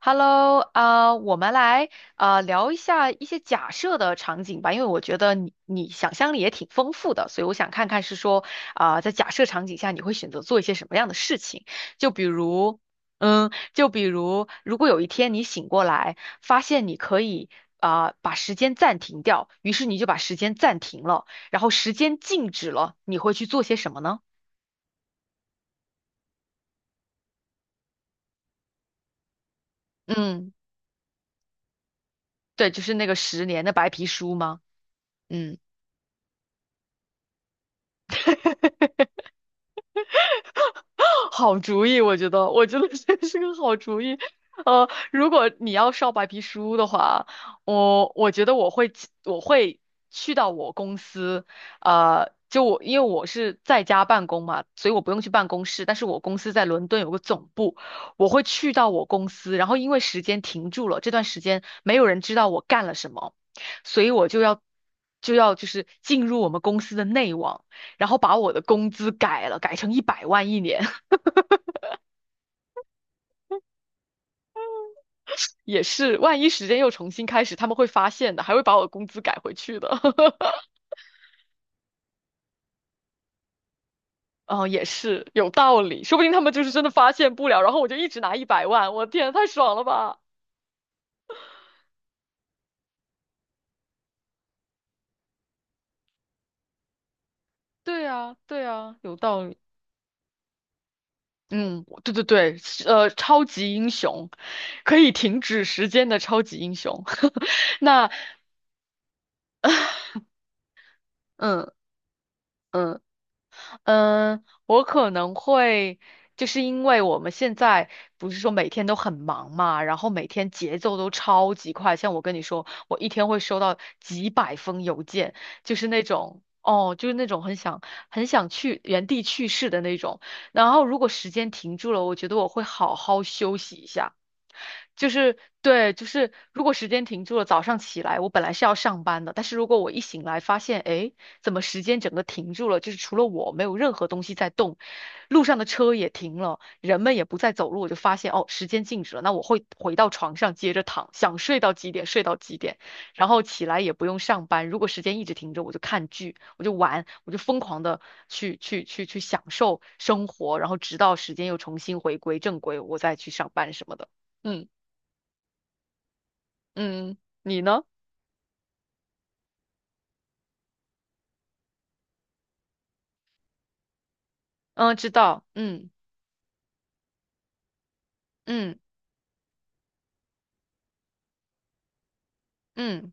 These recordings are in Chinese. Hello，我们来聊一下一些假设的场景吧，因为我觉得你想象力也挺丰富的，所以我想看看是说在假设场景下你会选择做一些什么样的事情？就比如，嗯，就比如，如果有一天你醒过来，发现你可以把时间暂停掉，于是你就把时间暂停了，然后时间静止了，你会去做些什么呢？嗯，对，就是那个十年的白皮书吗？嗯。好主意，我觉得，我觉得这是个好主意。如果你要烧白皮书的话，我觉得我会去到我公司，就我因为我是在家办公嘛，所以我不用去办公室，但是我公司在伦敦有个总部，我会去到我公司，然后因为时间停住了，这段时间没有人知道我干了什么，所以我就要。就要就是进入我们公司的内网，然后把我的工资改了，改成一百万一年。也是，万一时间又重新开始，他们会发现的，还会把我的工资改回去的。哦，也是有道理，说不定他们就是真的发现不了，然后我就一直拿一百万，我天，太爽了吧！对啊，对啊，有道理。嗯，我对对对，是超级英雄，可以停止时间的超级英雄。那，嗯嗯，嗯，我可能会，就是因为我们现在不是说每天都很忙嘛，然后每天节奏都超级快。像我跟你说，我一天会收到几百封邮件，就是那种，哦，就是那种很想去原地去世的那种。然后如果时间停住了，我觉得我会好好休息一下。就是对，就是如果时间停住了，早上起来我本来是要上班的，但是如果我一醒来发现，诶，怎么时间整个停住了？就是除了我，没有任何东西在动，路上的车也停了，人们也不再走路，我就发现哦，时间静止了，那我会回到床上接着躺，想睡到几点睡到几点，然后起来也不用上班。如果时间一直停着，我就看剧，我就玩，我就疯狂的去享受生活，然后直到时间又重新回归正规，我再去上班什么的。嗯嗯，你呢？嗯，知道。嗯嗯嗯，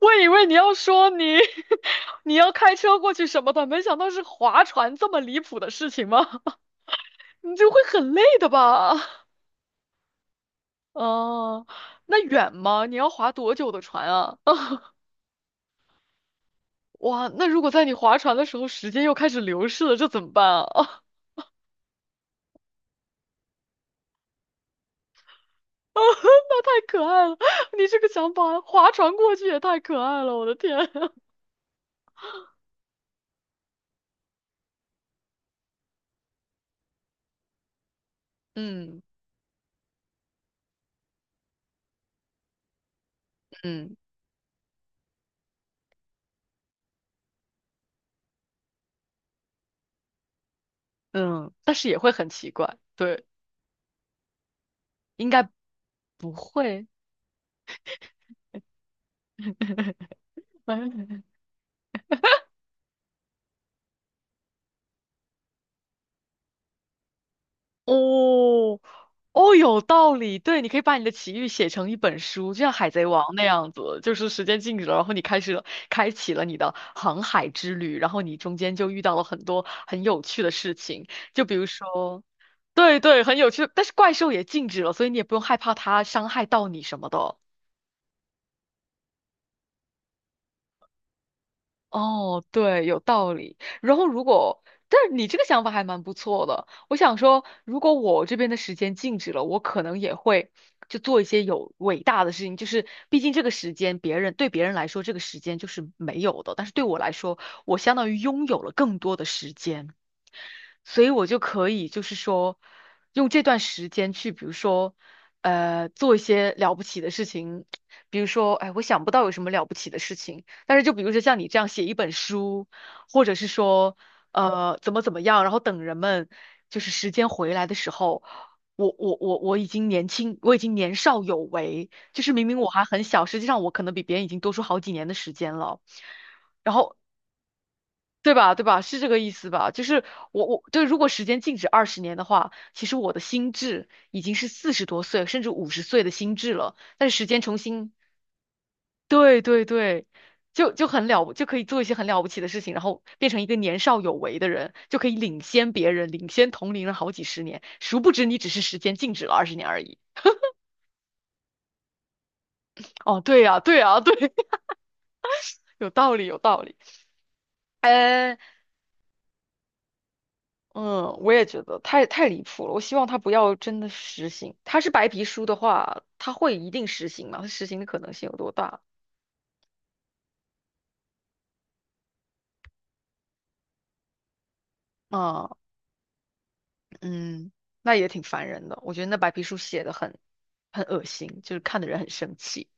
我以为你要说你 你要开车过去什么的，没想到是划船这么离谱的事情吗？你就会很累的吧？哦，那远吗？你要划多久的船啊？哇，那如果在你划船的时候，时间又开始流逝了，这怎么办啊？啊，那太可爱了！你这个想法，划船过去也太可爱了，我的天！嗯嗯嗯，但是也会很奇怪，对。应该不会。哦，哦，有道理。对，你可以把你的奇遇写成一本书，就像《海贼王》那样子，就是时间静止了，然后你开始了开启了你的航海之旅，然后你中间就遇到了很多很有趣的事情，就比如说，对对，很有趣，但是怪兽也静止了，所以你也不用害怕它伤害到你什么的。哦，对，有道理。然后如果，但是你这个想法还蛮不错的。我想说，如果我这边的时间静止了，我可能也会就做一些有伟大的事情。就是毕竟这个时间，别人对别人来说，这个时间就是没有的，但是对我来说，我相当于拥有了更多的时间。所以我就可以就是说，用这段时间去，比如说，做一些了不起的事情，比如说，哎，我想不到有什么了不起的事情，但是就比如说像你这样写一本书，或者是说，怎么怎么样，然后等人们就是时间回来的时候。我已经年轻，我已经年少有为，就是明明我还很小，实际上我可能比别人已经多出好几年的时间了。然后对吧？对吧？是这个意思吧？就是我对，如果时间静止二十年的话，其实我的心智已经是40多岁甚至50岁的心智了。但是时间重新，对对对，就就很了不，就可以做一些很了不起的事情，然后变成一个年少有为的人，就可以领先别人，领先同龄人好几十年。殊不知你只是时间静止了二十年而已。哦，对呀，对呀，对，有道理，有道理。嗯，我也觉得太离谱了。我希望他不要真的实行。他是白皮书的话，他会一定实行吗？他实行的可能性有多大？啊，嗯，那也挺烦人的。我觉得那白皮书写的很恶心，就是看的人很生气。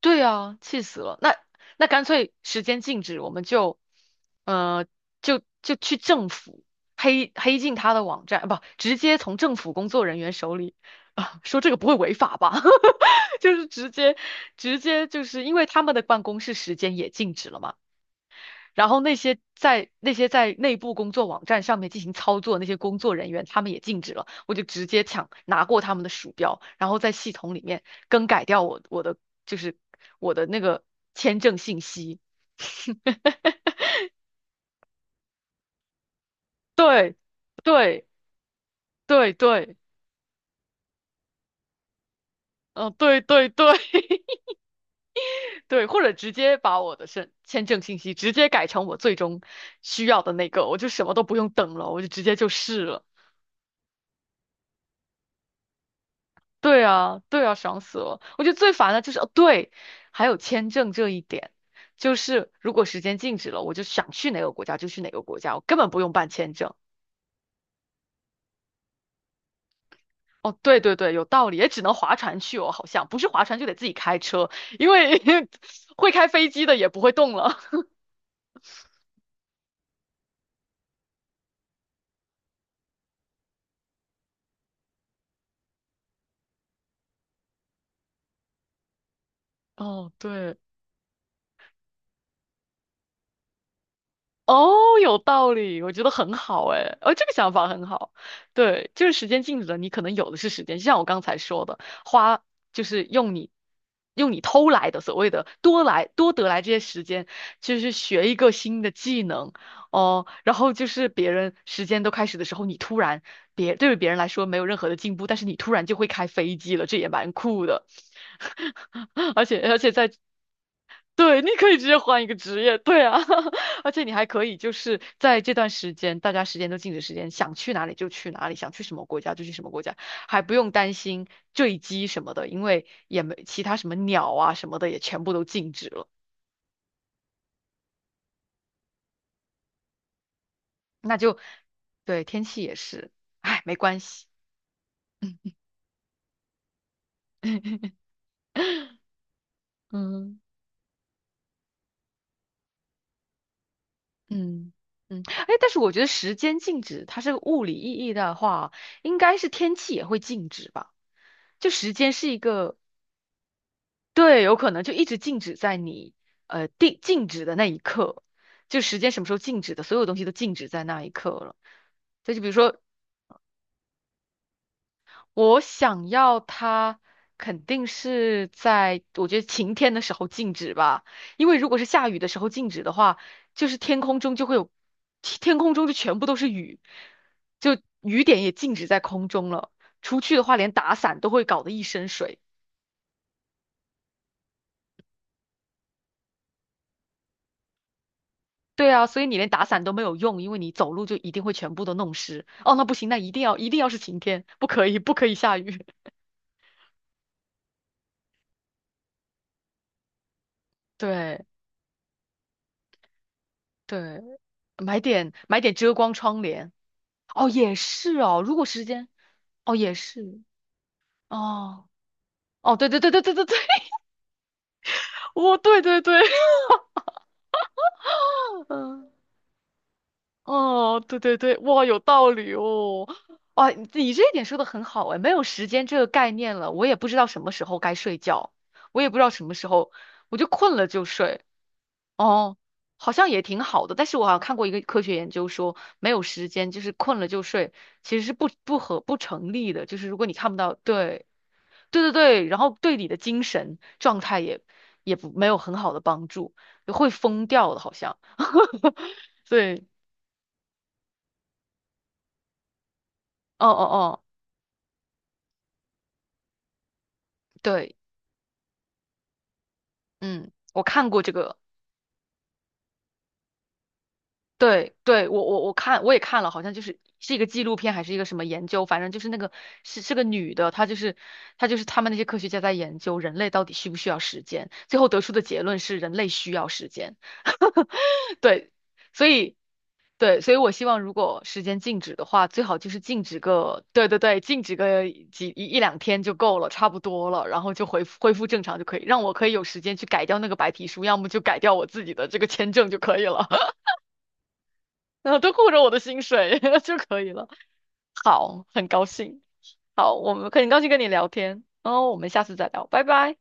对啊，气死了。那干脆时间静止，我们就，呃，就去政府黑进他的网站，啊不，直接从政府工作人员手里啊，说这个不会违法吧？就是直接就是因为他们的办公室时间也静止了嘛。然后那些在那些在内部工作网站上面进行操作那些工作人员，他们也禁止了。我就直接抢拿过他们的鼠标，然后在系统里面更改掉我的就是我的那个签证信息。对对对对，嗯、对对对 对，或者直接把我的签证信息直接改成我最终需要的那个，我就什么都不用等了，我就直接就试了。对啊，对啊，爽死了！我觉得最烦的就是，哦，对，还有签证这一点，就是如果时间静止了，我就想去哪个国家就去哪个国家，我根本不用办签证。哦，对对对，有道理，也只能划船去哦，好像不是划船就得自己开车，因为 会开飞机的也不会动了。哦，对。哦，有道理，我觉得很好哎，哦，这个想法很好。对，就是时间静止了，你可能有的是时间，就像我刚才说的，花就是用你偷来的所谓的多来多得来这些时间，就是学一个新的技能哦，然后就是别人时间都开始的时候，你突然别对于别人来说没有任何的进步，但是你突然就会开飞机了，这也蛮酷的。而且在对，你可以直接换一个职业，对啊，而且你还可以就是在这段时间，大家时间都静止时间，想去哪里就去哪里，想去什么国家就去什么国家，还不用担心坠机什么的，因为也没其他什么鸟啊什么的也全部都静止了，那就对天气也是，哎，没关系，嗯嗯嗯，哎，但是我觉得时间静止，它是物理意义的话，应该是天气也会静止吧。就时间是一个对，有可能就一直静止在你定静止的那一刻，就时间什么时候静止的，所有东西都静止在那一刻了。再就比如说，我想要它，肯定是在我觉得晴天的时候静止吧，因为如果是下雨的时候静止的话，就是天空中就会有，天空中就全部都是雨，就雨点也静止在空中了。出去的话，连打伞都会搞得一身水。对啊，所以你连打伞都没有用，因为你走路就一定会全部都弄湿。哦，那不行，那一定要是晴天，不可以下雨。对对，买点遮光窗帘。哦，也是哦，如果时间，哦也是哦哦，对对对对对对对，哦对对对，嗯哦对对对，哇有道理哦。哇，你这一点说的很好哎，没有时间这个概念了，我也不知道什么时候该睡觉，我也不知道什么时候，我就困了就睡。哦，好像也挺好的，但是我好像看过一个科学研究说，没有时间就是困了就睡，其实是不成立的。就是如果你看不到，对对对对，然后对你的精神状态也也不没有很好的帮助，会疯掉的，好像。对，哦哦哦，对，嗯，我看过这个。对对，我也看了，好像就是一个纪录片还是一个什么研究，反正就是那个是个女的，她就是他们那些科学家在研究人类到底需不需要时间，最后得出的结论是人类需要时间。对，所以对，所以我希望如果时间静止的话，最好就是静止个对对对，静止个一两天就够了，差不多了，然后就恢复正常就可以，让我可以有时间去改掉那个白皮书，要么就改掉我自己的这个签证就可以了。然后都顾着我的薪水 就可以了。好，很高兴。好，我们很高兴跟你聊天，然后我们下次再聊，拜拜。